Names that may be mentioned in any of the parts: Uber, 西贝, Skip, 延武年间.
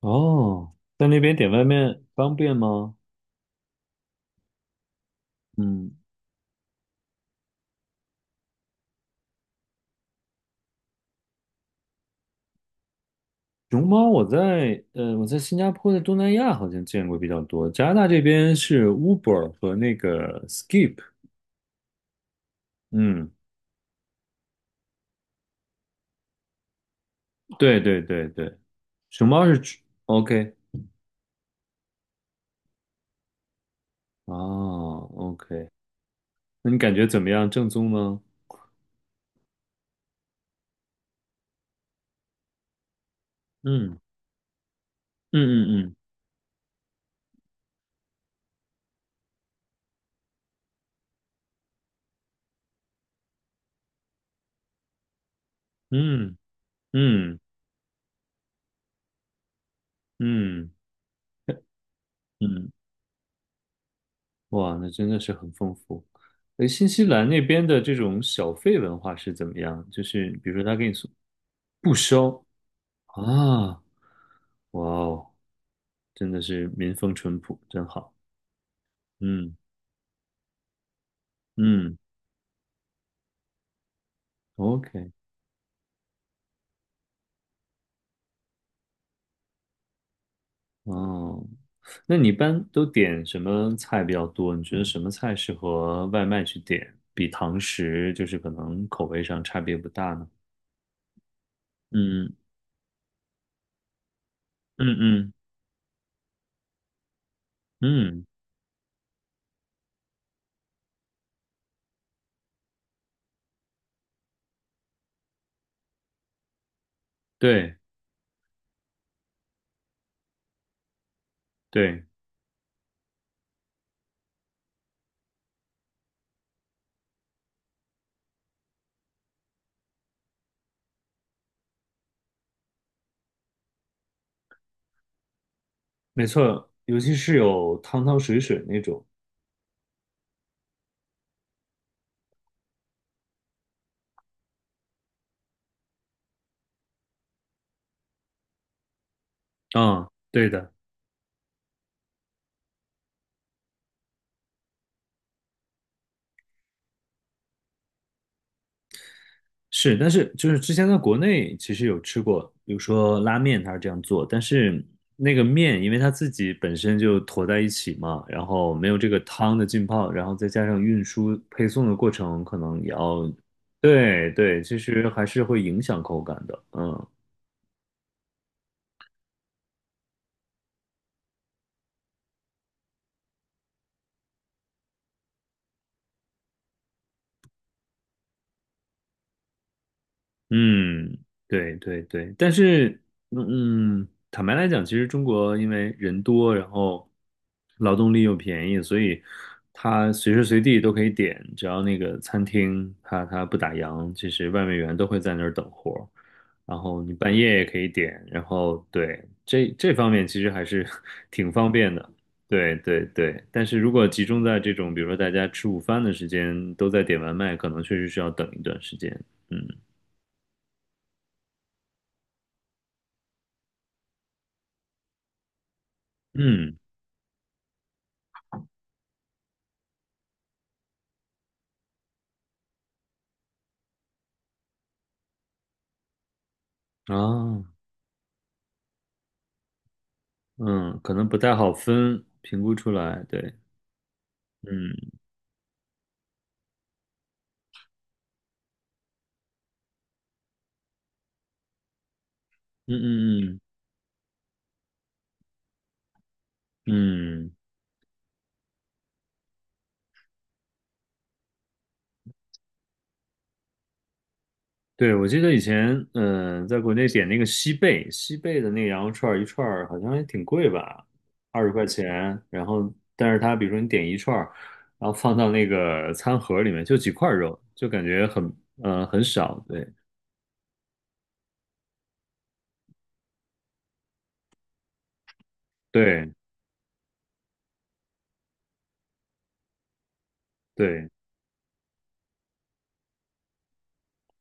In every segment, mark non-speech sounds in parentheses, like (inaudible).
哦，在那边点外卖方便吗？嗯，熊猫我在新加坡的东南亚好像见过比较多，加拿大这边是 Uber 和那个 Skip。嗯，对对对对，熊猫是吃 OK 哦 OK，那你感觉怎么样？正宗吗？嗯嗯嗯嗯嗯嗯嗯嗯。嗯哇，那真的是很丰富。诶，新西兰那边的这种小费文化是怎么样？就是比如说他给你送，不收啊，哇哦，真的是民风淳朴，真好。嗯嗯，OK，哦，那你一般都点什么菜比较多？你觉得什么菜适合外卖去点，比堂食就是可能口味上差别不大呢？嗯嗯嗯嗯，对对。没错，尤其是有汤汤水水那种。嗯，对的，是，但是就是之前在国内其实有吃过，比如说拉面，它是这样做，但是那个面因为它自己本身就坨在一起嘛，然后没有这个汤的浸泡，然后再加上运输配送的过程，可能也要，对对，其实还是会影响口感的。嗯嗯，对对对，但是，嗯，嗯坦白来讲，其实中国因为人多，然后劳动力又便宜，所以它随时随地都可以点，只要那个餐厅它不打烊，其实外卖员都会在那儿等活儿，然后你半夜也可以点，然后对，这方面其实还是 (laughs) 挺方便的。对对对，但是如果集中在这种，比如说大家吃午饭的时间，都在点外卖，可能确实是要等一段时间。嗯。嗯啊，嗯，可能不太好分，评估出来，对，嗯嗯嗯嗯嗯，对，我记得以前，嗯、在国内点那个西贝，西贝的那个羊肉串儿一串儿好像还挺贵吧，20块钱，然后但是它比如说你点一串儿，然后放到那个餐盒里面就几块肉，就感觉很，很少，对对对，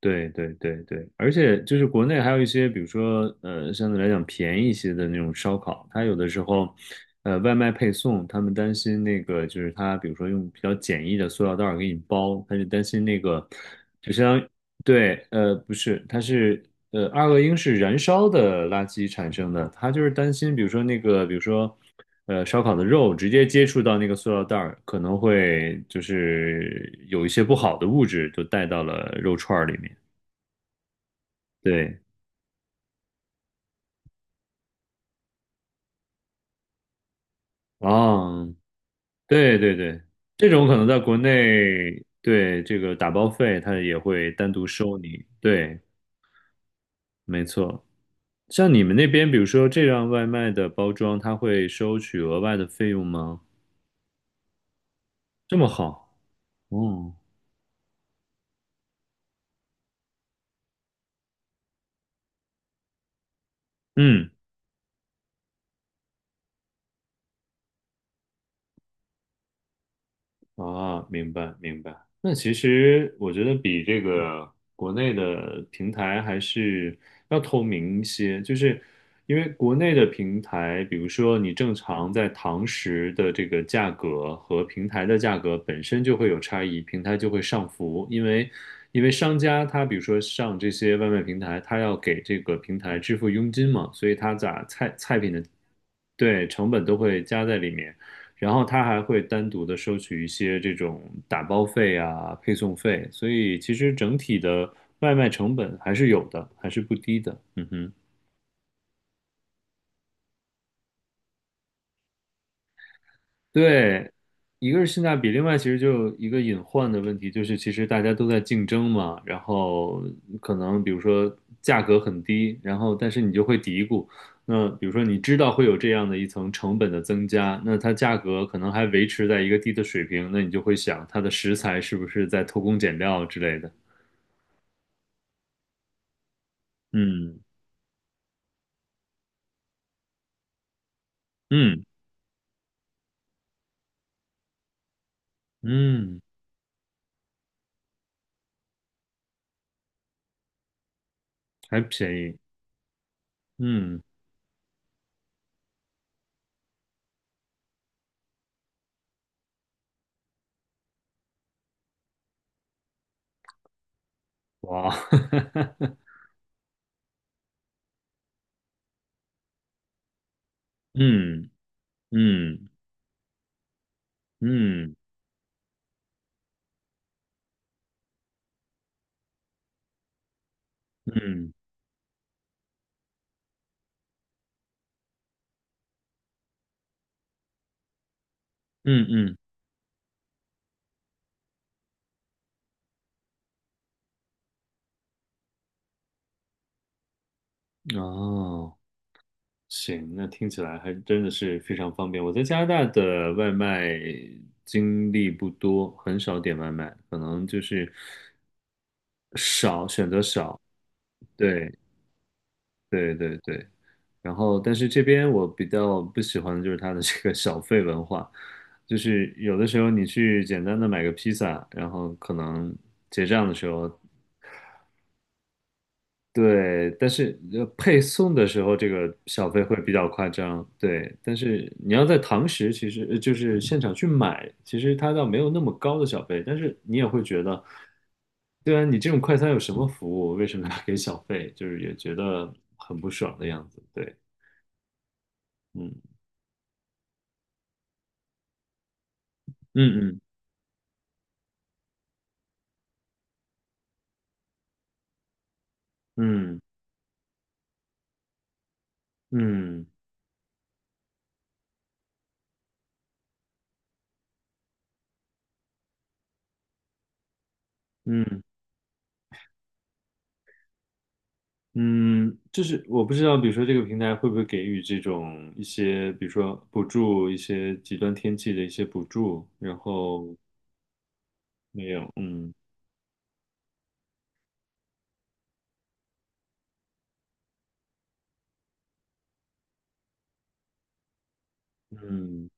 对对对对，而且就是国内还有一些，比如说相对来讲便宜一些的那种烧烤，它有的时候，外卖配送，他们担心那个就是它，比如说用比较简易的塑料袋儿给你包，他就担心那个，就相当于对，不是，它是二恶英是燃烧的垃圾产生的，他就是担心，比如说那个，比如说。烧烤的肉直接接触到那个塑料袋儿，可能会就是有一些不好的物质就带到了肉串儿里面。对，啊，对对对，这种可能在国内，对，这个打包费它也会单独收你。对，没错。像你们那边，比如说这样外卖的包装，它会收取额外的费用吗？这么好，哦，嗯啊，明白明白。那其实我觉得比这个国内的平台还是要透明一些，就是因为国内的平台，比如说你正常在堂食的这个价格和平台的价格本身就会有差异，平台就会上浮，因为因为商家他比如说上这些外卖平台，他要给这个平台支付佣金嘛，所以他咋菜菜品的对，成本都会加在里面，然后他还会单独的收取一些这种打包费啊、配送费，所以其实整体的外卖成本还是有的，还是不低的。嗯哼。对，一个是性价比，另外其实就有一个隐患的问题，就是其实大家都在竞争嘛，然后可能比如说价格很低，然后但是你就会嘀咕，那比如说你知道会有这样的一层成本的增加，那它价格可能还维持在一个低的水平，那你就会想它的食材是不是在偷工减料之类的，嗯嗯嗯，还便宜，嗯，哇，(laughs) 嗯嗯嗯嗯嗯嗯嗯。哦，行，那听起来还真的是非常方便。我在加拿大的外卖经历不多，很少点外卖，可能就是少，选择少。对，对，对，对。然后，但是这边我比较不喜欢的就是它的这个小费文化，就是有的时候你去简单的买个披萨，然后可能结账的时候对，但是配送的时候这个小费会比较夸张，对。但是你要在堂食，其实就是现场去买，其实它倒没有那么高的小费，但是你也会觉得，对啊，你这种快餐有什么服务？为什么要给小费？就是也觉得很不爽的样子，对，嗯嗯嗯嗯嗯嗯。嗯，就是我不知道，比如说这个平台会不会给予这种一些，比如说补助，一些极端天气的一些补助，然后没有，嗯嗯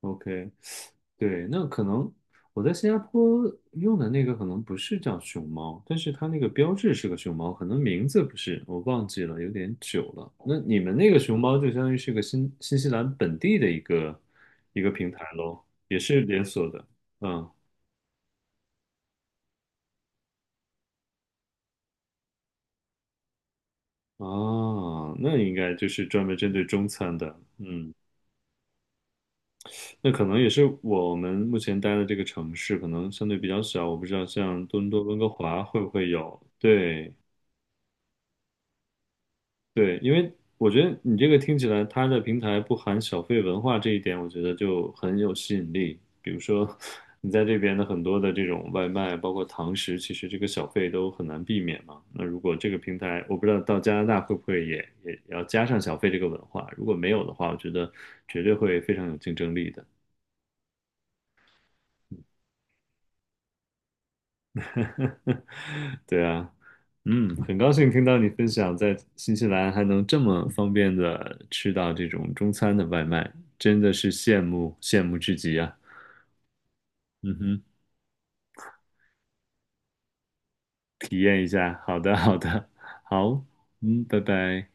，OK，对，那可能我在新加坡用的那个可能不是叫熊猫，但是它那个标志是个熊猫，可能名字不是，我忘记了，有点久了。那你们那个熊猫就相当于是个新西兰本地的一个一个平台喽，也是连锁的，嗯哦，那应该就是专门针对中餐的，嗯，那可能也是我们目前待的这个城市可能相对比较小，我不知道像多伦多、温哥华会不会有，对，对，因为我觉得你这个听起来，它的平台不含小费文化这一点，我觉得就很有吸引力。比如说，(laughs) 你在这边的很多的这种外卖，包括堂食，其实这个小费都很难避免嘛。那如果这个平台，我不知道到加拿大会不会也要加上小费这个文化，如果没有的话，我觉得绝对会非常有竞争力的。(laughs) 呵呵呵，对啊，嗯，很高兴听到你分享在新西兰还能这么方便的吃到这种中餐的外卖，真的是羡慕羡慕至极啊！嗯哼，体验一下，好的好的，好，嗯，拜拜。